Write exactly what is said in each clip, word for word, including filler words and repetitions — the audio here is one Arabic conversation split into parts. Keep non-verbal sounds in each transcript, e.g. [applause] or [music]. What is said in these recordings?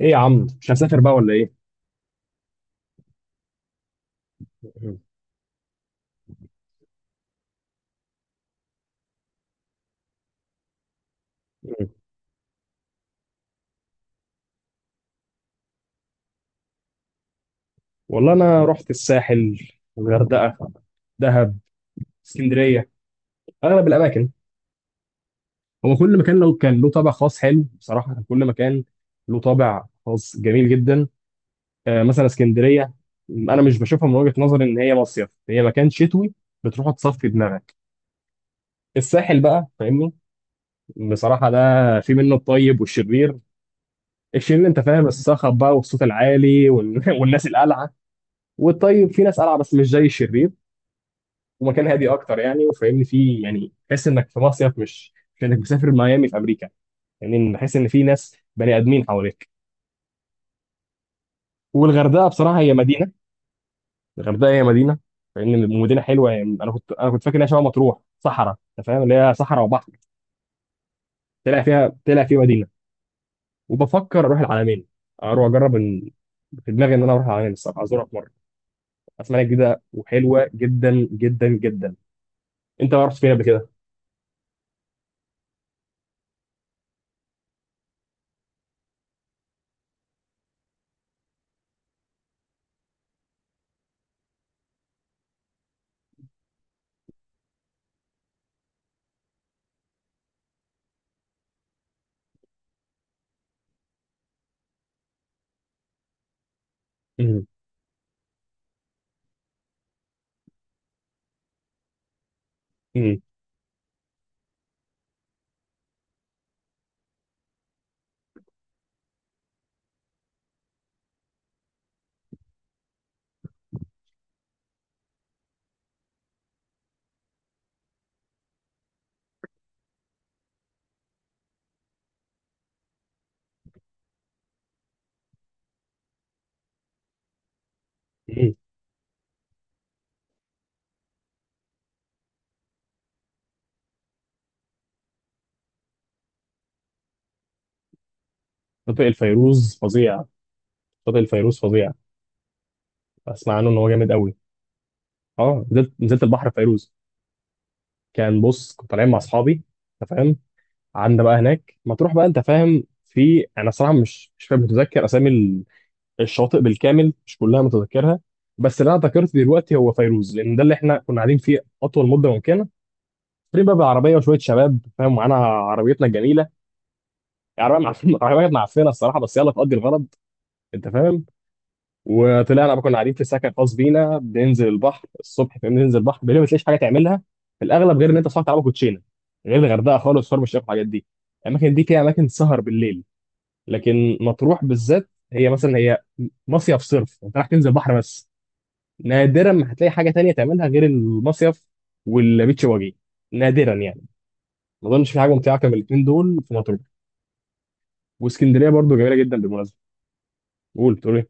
ايه يا عم، مش هسافر بقى ولا ايه؟ [laughs] والله انا رحت الساحل، الغردقه، دهب، اسكندريه، اغلب الاماكن. هو كل مكان لو كان له طابع خاص حلو، بصراحه كان كل مكان له طابع خاص جميل جدا. آه، مثلا اسكندريه، انا مش بشوفها من وجهه نظري ان هي مصيف، هي مكان شتوي بتروح تصفي دماغك. الساحل بقى فاهمني، بصراحه ده في منه الطيب والشرير. الشرير انت فاهم الصخب بقى والصوت العالي وال- [laughs] والناس القلعه. والطيب في ناس قلعه بس مش زي الشرير، ومكان هادي اكتر يعني وفاهمني فيه، يعني تحس انك في مصيف، مش مش انك مسافر ميامي في امريكا. يعني إن- بحس ان في ناس بني ادمين حواليك. والغردقه بصراحه هي مدينه. الغردقه هي مدينه فاهمني، مدينه حلوه يعني. انا كنت انا كنت فاكر انها شبه مطروح صحراء، انت فاهم اللي هي صحراء وبحر. طلع فيها طلع فيه مدينه. وبفكر اروح العلمين، اروح اجرب إن- في دماغي ان انا اروح العلمين الصراحه ازورها في مره. اسمها جديده وحلوه جدا جدا جدا. انت رحت فين قبل كده؟ امم. امم. امم. شاطئ الفيروز فظيع. شاطئ الفيروز فظيع. اسمع عنه ان هو جامد قوي. اه، نزلت نزلت البحر في فيروز. كان بص كنت طالعين مع اصحابي، انت فاهم، قعدنا بقى هناك ما تروح بقى انت فاهم. في انا صراحه مش مش فاهم متذكر اسامي ال- الشواطئ بالكامل، مش كلها متذكرها. بس اللي انا ذكرت دلوقتي هو فيروز، لان ده اللي احنا كنا قاعدين فيه اطول مده ممكنه. طالعين بقى بالعربيه، وشويه شباب فاهم، معانا عربيتنا الجميله. العربيه معفنه، العربيه [laughs] معفنه الصراحه، بس يلا تقضي الغرض، انت فاهم. وطلعنا بقى، كنا قاعدين في سكن خاص بينا، بننزل البحر الصبح، فاهم، ننزل البحر بالليل ما تلاقيش حاجه تعملها في الاغلب، غير ان انت صاحي تلعب كوتشينه. غير الغردقه خالص، شرم الشيخ والحاجات دي، الاماكن دي فيها اماكن سهر بالليل. لكن مطروح بالذات، هي مثلا هي مصيف صرف، انت رايح تنزل بحر بس. نادرا ما هتلاقي حاجه تانية تعملها غير المصيف والبيتش واجي، نادرا يعني. ما اظنش في حاجه ممتعه كان من الاثنين دول في مطروح. واسكندريه برضو جميله جدا بالمناسبه. قول بتقول ايه.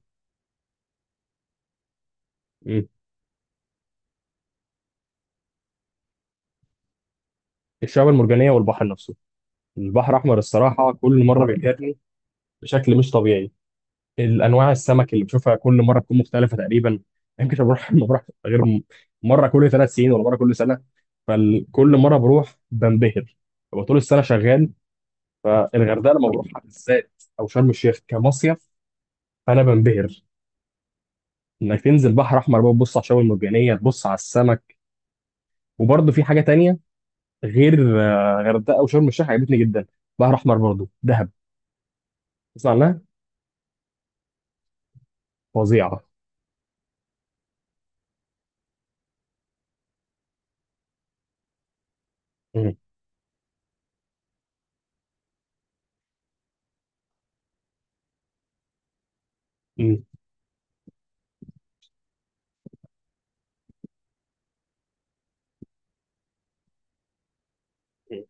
مم. الشعاب المرجانيه والبحر نفسه، البحر الأحمر الصراحة كل مرة بيبهرني بشكل مش طبيعي. الأنواع السمك اللي بشوفها كل مرة بتكون مختلفة تقريبا. يمكن بروح [laughs] ما بروح غير م- مرة كل ثلاث سنين ولا مرة كل سنة. فكل مرة بروح بنبهر، ببقى طول السنة شغال. فالغردقة لما بروحها بالذات، أو شرم الشيخ كمصيف، أنا بنبهر. إنك تنزل بحر أحمر بقى، تبص على الشعاب المرجانية، تبص على السمك، وبرضه في حاجة تانية غير آه، غردقة وشرم الشيخ، عجبتني جدا. بحر أحمر برضه، دهب، تسمع عنها. فظيعة. مم. مم.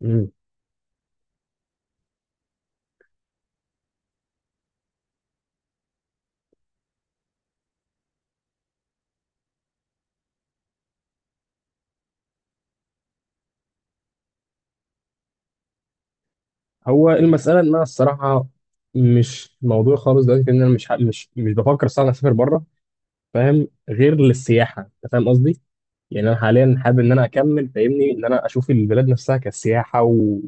مم. هو المسألة إن أنا الصراحة مش موضوع خالص دلوقتي، إن أنا مش ح- مش مش بفكر الصراحة أسافر بره، فاهم، غير للسياحة. أنت فاهم قصدي؟ يعني أنا حاليا حابب إن أنا أكمل فاهمني، إن أنا أشوف البلاد نفسها كسياحة، و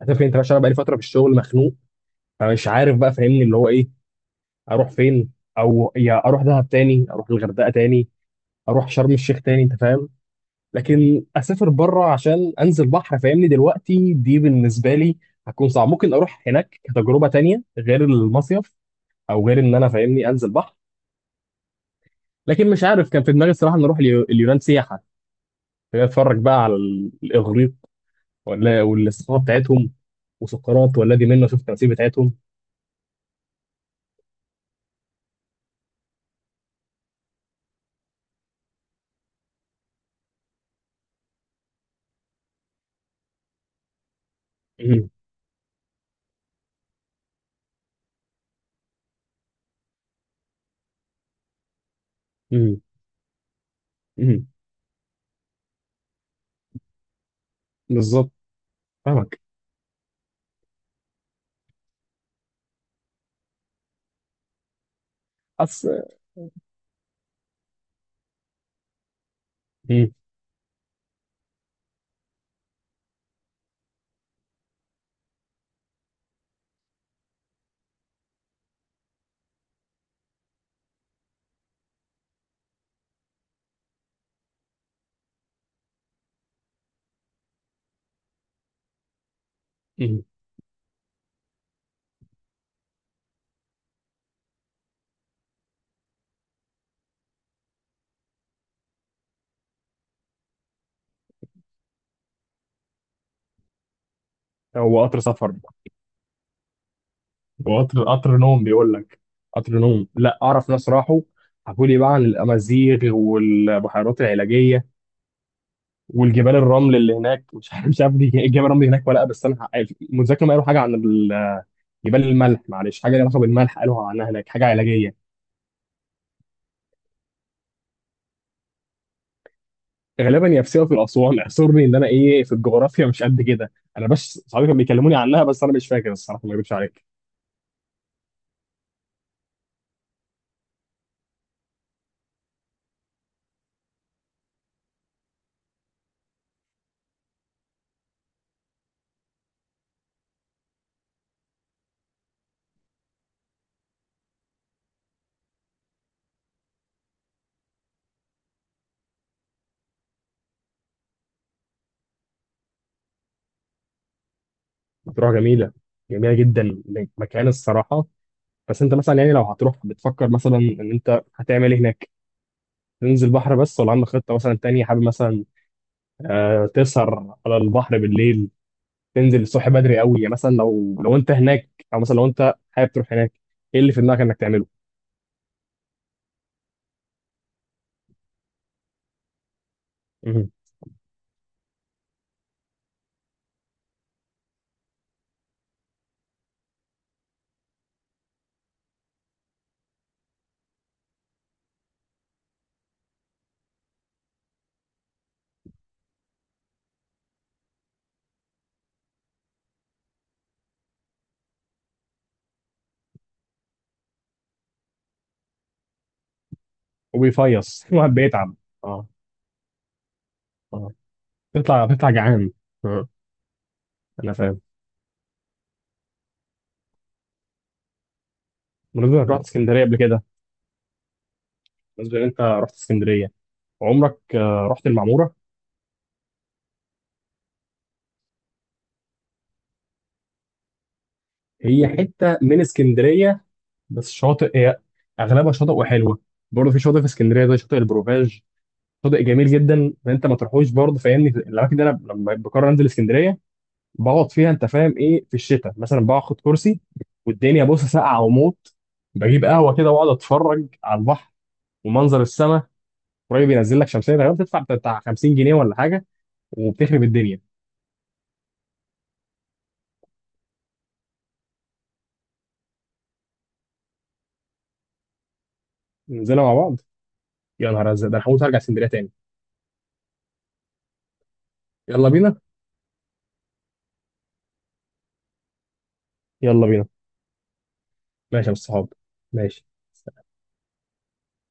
عارف أنت بقى، عشان أنا بقالي فترة في الشغل مخنوق. فمش عارف بقى فاهمني اللي هو إيه، أروح فين، أو يا أروح دهب تاني، أروح الغردقة تاني، أروح شرم الشيخ تاني، أنت فاهم؟ لكن اسافر بره عشان انزل بحر، فاهمني دلوقتي دي بالنسبه لي هتكون صعب، ممكن اروح هناك كتجربه تانية غير المصيف، او غير ان انا فاهمني انزل بحر. لكن مش عارف، كان في دماغي الصراحه ان اروح اليو- اليونان سياحه، اتفرج بقى على ال- الاغريق، ولا والاستقامه بتاعتهم، وسقراط والذي منا، شوف التماثيل بتاعتهم. مم. مم. مم. بالظبط. فاهمك. أص... مم. مم. هو قطر سفر، وقطر قطر نوم بيقول لك. قطر نوم، لا اعرف ناس راحوا، حكوا لي بقى عن الامازيغ والبحيرات العلاجيه والجبال الرمل اللي هناك [laughs] مش عارف مش عارف دي إيه جبال الرمل هناك ولا لأ، بس انا ح- متذكر ما قالوا حاجه عن ال- جبال الملح، معلش حاجه ليها علاقه بالملح، قالوا عنها هناك حاجه علاجيه. غالبا يا في سيوه في الاسوان [laughs] اعذرني ان انا ايه في الجغرافيا مش قد كده. انا بس صحابي كانوا بيكلموني عنها، بس انا مش فاكر الصراحه، ما اكذبش عليك. مطروح جميله، جميله جدا، مكان الصراحه. بس انت مثلا يعني لو هتروح، بتفكر مثلا ان انت هتعمل ايه هناك؟ تنزل بحر بس، ولا عندك خطة مثلا تانية، حابب مثلا آه، تسهر على البحر بالليل، تنزل الصبح بدري قوي يعني؟ مثلا لو لو انت هناك، او مثلا لو انت حابب تروح هناك، ايه اللي في دماغك انك تعمله؟ مهم. وبيفيص [laughs] الواحد بيتعب. اه. اه، تطلع تطلع جعان. آه، انا فاهم. بالنسبة انك رحت اسكندرية قبل كده، بالنسبة ان انت رحت اسكندرية، عمرك آه، رحت المعمورة؟ هي حتة من اسكندرية، بس شاطئ هي، اغلبها شاطئ وحلوة. برضه في شاطئ في اسكندرية زي شاطئ البروفاج، شاطئ جميل جدا ان انت ما تروحوش برضه، فاهمني الاماكن دي، انا لما بقرر انزل اسكندريه بقعد فيها. انت فاهم ايه في الشتاء مثلا؟ باخد كرسي والدنيا بص ساقعه وموت، بجيب قهوه كده واقعد اتفرج على البحر ومنظر السماء. قريب ينزل لك شمسيه، غالبا بتدفع بتاع خمسين جنيه ولا حاجه، وبتخرب الدنيا. ننزلها مع بعض. يا نهار ازرق، ده انا هموت، هرجع اسكندريه تاني. يلا بينا. يلا بينا. ماشي يا أبو الصحاب، ماشي.